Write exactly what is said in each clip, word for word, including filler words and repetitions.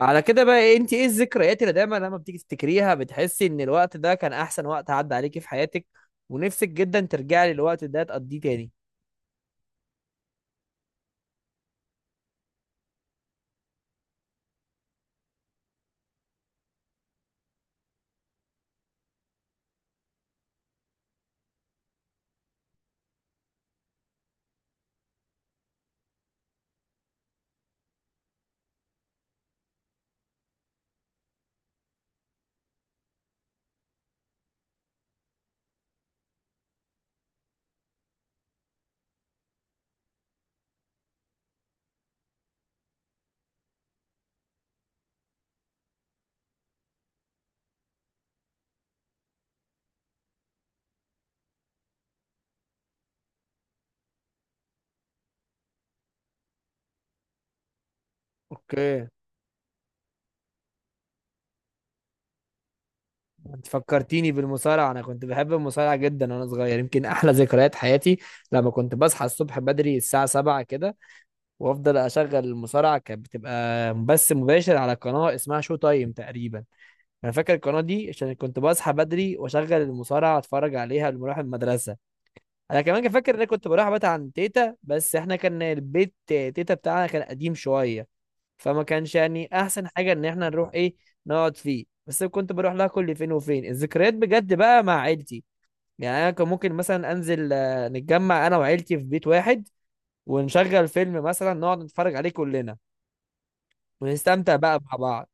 على كده بقى إيه، انت ايه الذكريات اللي دايما لما بتيجي تفتكريها بتحسي ان الوقت ده كان احسن وقت عدى عليكي في حياتك ونفسك جدا ترجعي للوقت ده تقضيه تاني؟ اوكي. انت فكرتيني بالمصارعه، انا كنت بحب المصارعه جدا وانا صغير. يمكن احلى ذكريات حياتي لما كنت بصحى الصبح بدري الساعه سبعة كده وافضل اشغل المصارعه. كانت بتبقى بث مباشر على قناه اسمها شو تايم تقريبا. انا فاكر القناه دي عشان كنت بصحى بدري واشغل المصارعه اتفرج عليها قبل ما اروح المدرسه. انا كمان كان فاكر ان انا كنت بروح ابات عند تيتا، بس احنا كان البيت تيتا بتاعنا كان قديم شويه، فما كانش يعني احسن حاجه ان احنا نروح ايه نقعد فيه، بس كنت بروح لها كل فين وفين. الذكريات بجد بقى مع عيلتي، يعني انا كان ممكن مثلا انزل، آه، نتجمع انا وعيلتي في بيت واحد، ونشغل فيلم مثلا نقعد نتفرج عليه كلنا، ونستمتع بقى مع بعض.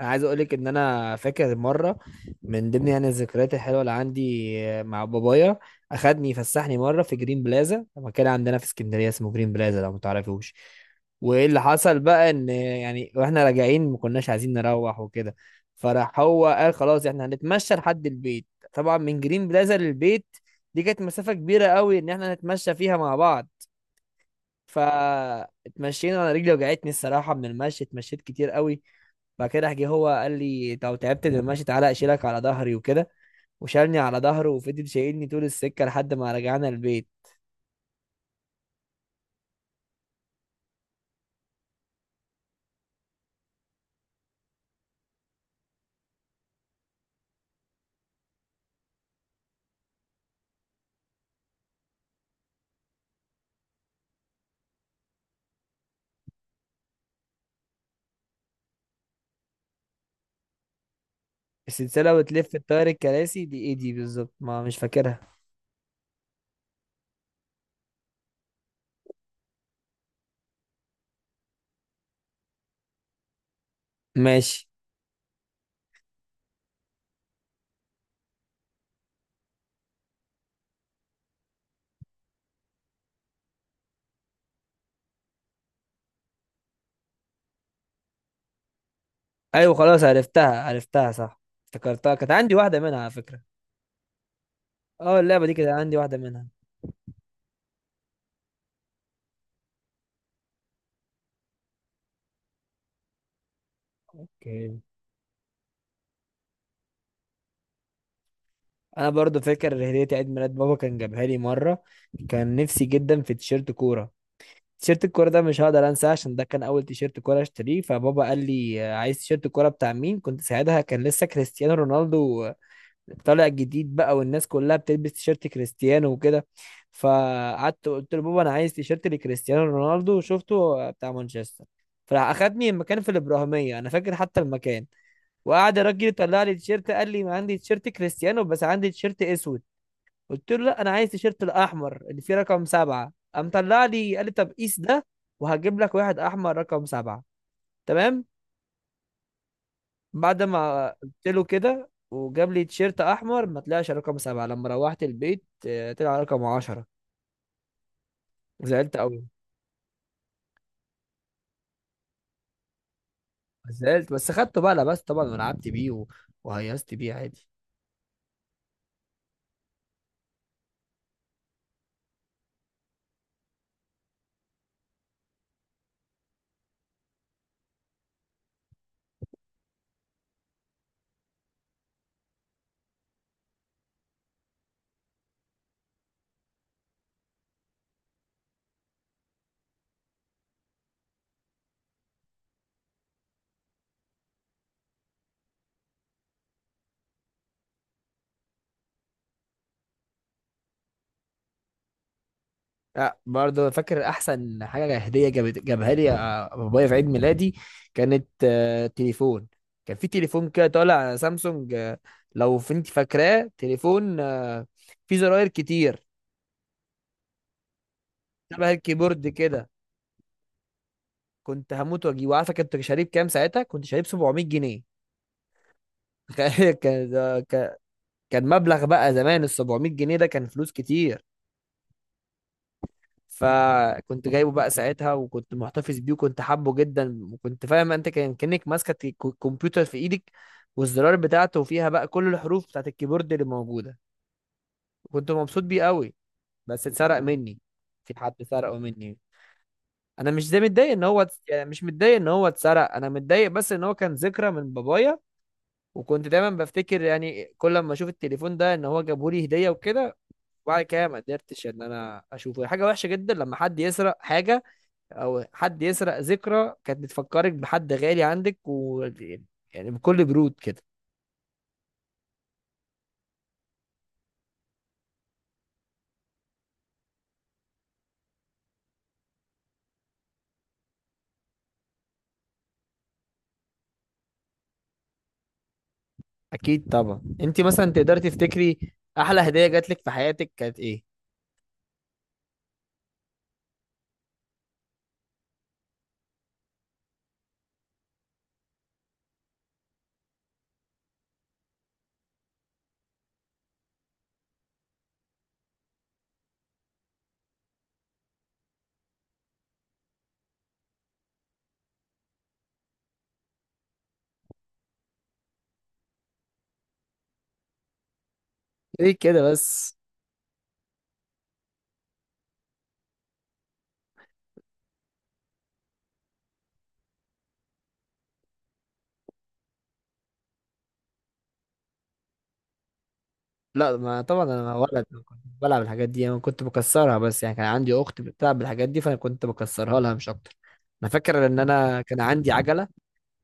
انا عايز اقولك ان انا فاكر مره، من ضمن يعني الذكريات الحلوه اللي عندي مع بابايا، اخدني يفسحني مره في جرين بلازا، مكان عندنا في اسكندريه اسمه جرين بلازا لو متعرفوش. وايه اللي حصل بقى ان يعني واحنا راجعين ما كناش عايزين نروح وكده، فراح هو قال خلاص احنا هنتمشى لحد البيت. طبعا من جرين بلازا للبيت دي كانت مسافه كبيره قوي ان احنا نتمشى فيها مع بعض. فاتمشينا، انا رجلي وجعتني الصراحه من المشي، اتمشيت كتير قوي. بعد كده راح جه هو قال لي لو تعبت من المشي تعالى اشيلك على ظهري وكده، وشالني على ظهره وفضل شايلني طول السكه لحد ما رجعنا البيت. السلسله وتلف الطير الكراسي دي ايه دي بالظبط؟ ما مش فاكرها. ماشي. ايوه خلاص عرفتها عرفتها صح، افتكرتها. كانت عندي واحده منها على فكره. اه اللعبه دي كانت عندي واحده منها. اوكي. انا برضو فاكر هديه عيد ميلاد بابا كان جابها لي مره. كان نفسي جدا في تيشيرت كوره. تيشيرت الكورة ده مش هقدر انساه عشان ده كان اول تيشيرت كورة اشتريه. فبابا قال لي آه، عايز تيشيرت الكورة بتاع مين؟ كنت ساعتها كان لسه كريستيانو رونالدو آه، طالع جديد بقى، والناس كلها بتلبس تيشيرت كريستيانو وكده. فقعدت قلت له بابا انا عايز تيشيرت لكريستيانو رونالدو، وشفته آه، بتاع مانشستر. فراح اخدني المكان في الابراهيمية، انا فاكر حتى المكان، وقعد الراجل يطلع لي تيشيرت قال لي ما عندي تيشيرت كريستيانو بس عندي تيشيرت اسود. قلت له لا انا عايز تيشيرت الاحمر اللي فيه رقم سبعة. قام طلع لي قال لي طب قيس ده وهجيب لك واحد احمر رقم سبعة. تمام. بعد ما قلت له كده وجاب لي تيشيرت احمر، ما طلعش رقم سبعة. لما روحت البيت آه، طلع رقم عشرة. زعلت قوي. زعلت بس خدته بقى، لبست طبعا ولعبت بيه و- وهيصت بيه عادي. لا برضه فاكر احسن حاجه هديه جابت جابها لي آه، بابايا في عيد ميلادي. كانت آه، تليفون. كان في تليفون كده طالع، آه، سامسونج، آه، لو في- انت فاكراه؟ تليفون آه، فيه زراير كتير، شبه الكيبورد كده. كنت هموت واجيبه. عارفه كنت شاريه بكام؟ ساعتها كنت شاريه ب سبعمية جنيه. تخيل كان ده- كان كان مبلغ بقى زمان. ال سبعمية جنيه ده كان فلوس كتير. فكنت جايبه بقى ساعتها وكنت محتفظ بيه وكنت حابه جدا، وكنت فاهم انت كان كأنك ماسكة الك- الكمبيوتر في ايدك، والزرار بتاعته فيها بقى كل الحروف بتاعت الكيبورد اللي موجودة. كنت مبسوط بيه قوي. بس اتسرق مني، في حد سرقه مني. انا مش زي متضايق ان هو اتس- يعني مش متضايق ان هو اتسرق، انا متضايق بس ان هو كان ذكرى من بابايا، وكنت دايما بفتكر يعني كل ما اشوف التليفون ده ان هو جابهولي هدية وكده. وبعد كده ما قدرتش ان انا اشوفه. حاجة وحشة جدا لما حد يسرق حاجة، او حد يسرق ذكرى كانت بتفكرك بحد غالي عندك، و يعني بكل برود كده. اكيد طبعا. انت مثلا تقدري تفتكري احلى هديه جات لك في حياتك كانت ايه؟ ايه كده بس. لا ما طبعا انا ولد ما كنت بلعب الحاجات دي، انا كنت بكسرها، بس يعني كان عندي اخت بتلعب بالحاجات دي فانا كنت بكسرها لها مش اكتر. انا فاكر ان انا كان عندي عجله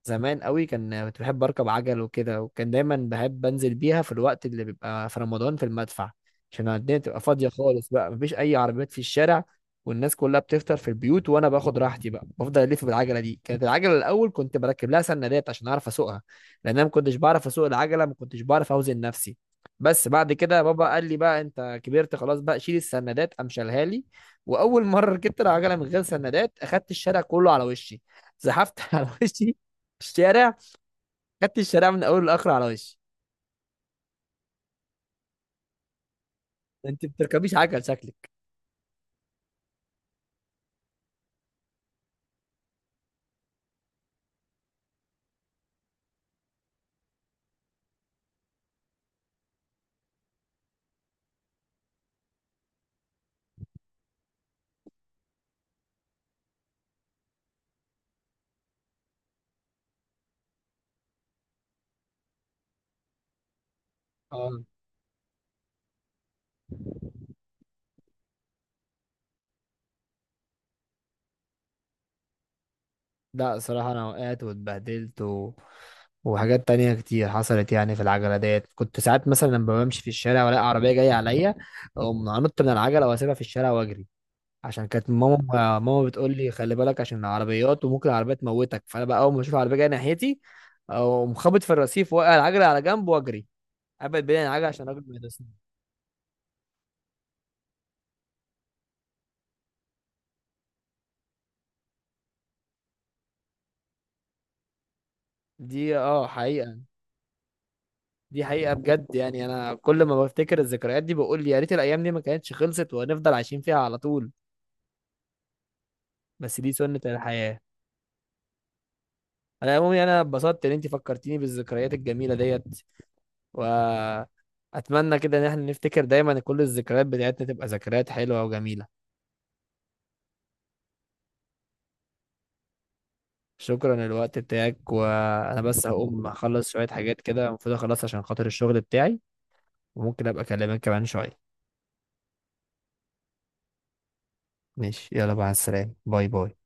زمان قوي. كان كنت بحب اركب عجل وكده، وكان دايما بحب انزل بيها في الوقت اللي بيبقى في رمضان في المدفع، عشان الدنيا تبقى فاضيه خالص بقى مفيش اي عربيات في الشارع والناس كلها بتفطر في البيوت، وانا باخد راحتي بقى بفضل الف بالعجله دي. كانت العجله الاول كنت بركب لها سندات عشان اعرف اسوقها، لان انا ما كنتش بعرف اسوق العجله، ما كنتش بعرف اوزن نفسي. بس بعد كده بابا قال لي بقى انت كبرت خلاص بقى شيل السندات، قام شالها لي. واول مره ركبت العجله من غير سندات اخدت الشارع كله على وشي. زحفت على وشي الشارع، خدت الشارع من اوله لاخره على وشي. انت بتركبيش عجل شكلك؟ اه. لا صراحة أنا وقعت واتبهدلت، و... وحاجات تانية كتير حصلت يعني في العجلة ديت. كنت ساعات مثلا لما بمشي في الشارع وألاقي عربية جاية عليا أقوم أنط من العجلة وأسيبها في الشارع وأجري، عشان كانت ماما ماما بتقول لي خلي بالك عشان العربيات وممكن العربية تموتك. فأنا بقى أول ما أشوف عربية جاية ناحيتي أقوم خابط في الرصيف وأوقع العجلة على جنب وأجري أبعد بين العجلة عشان الراجل ما يدوسني. دي أه حقيقة، دي حقيقة بجد. يعني أنا كل ما بفتكر الذكريات دي بقول يا ريت الأيام دي ما كانتش خلصت وهنفضل عايشين فيها على طول. بس دي سنة الحياة. على العموم يعني أنا اتبسطت إن أنت فكرتيني بالذكريات الجميلة ديت، وأتمنى كده إن إحنا نفتكر دايما كل الذكريات بتاعتنا تبقى ذكريات حلوة وجميلة. شكرا للوقت بتاعك، وأنا بس هقوم أخلص شوية حاجات كده المفروض أخلص عشان خاطر الشغل بتاعي، وممكن أبقى أكلمك كمان شوية. ماشي، يلا، مع السلامة، باي باي.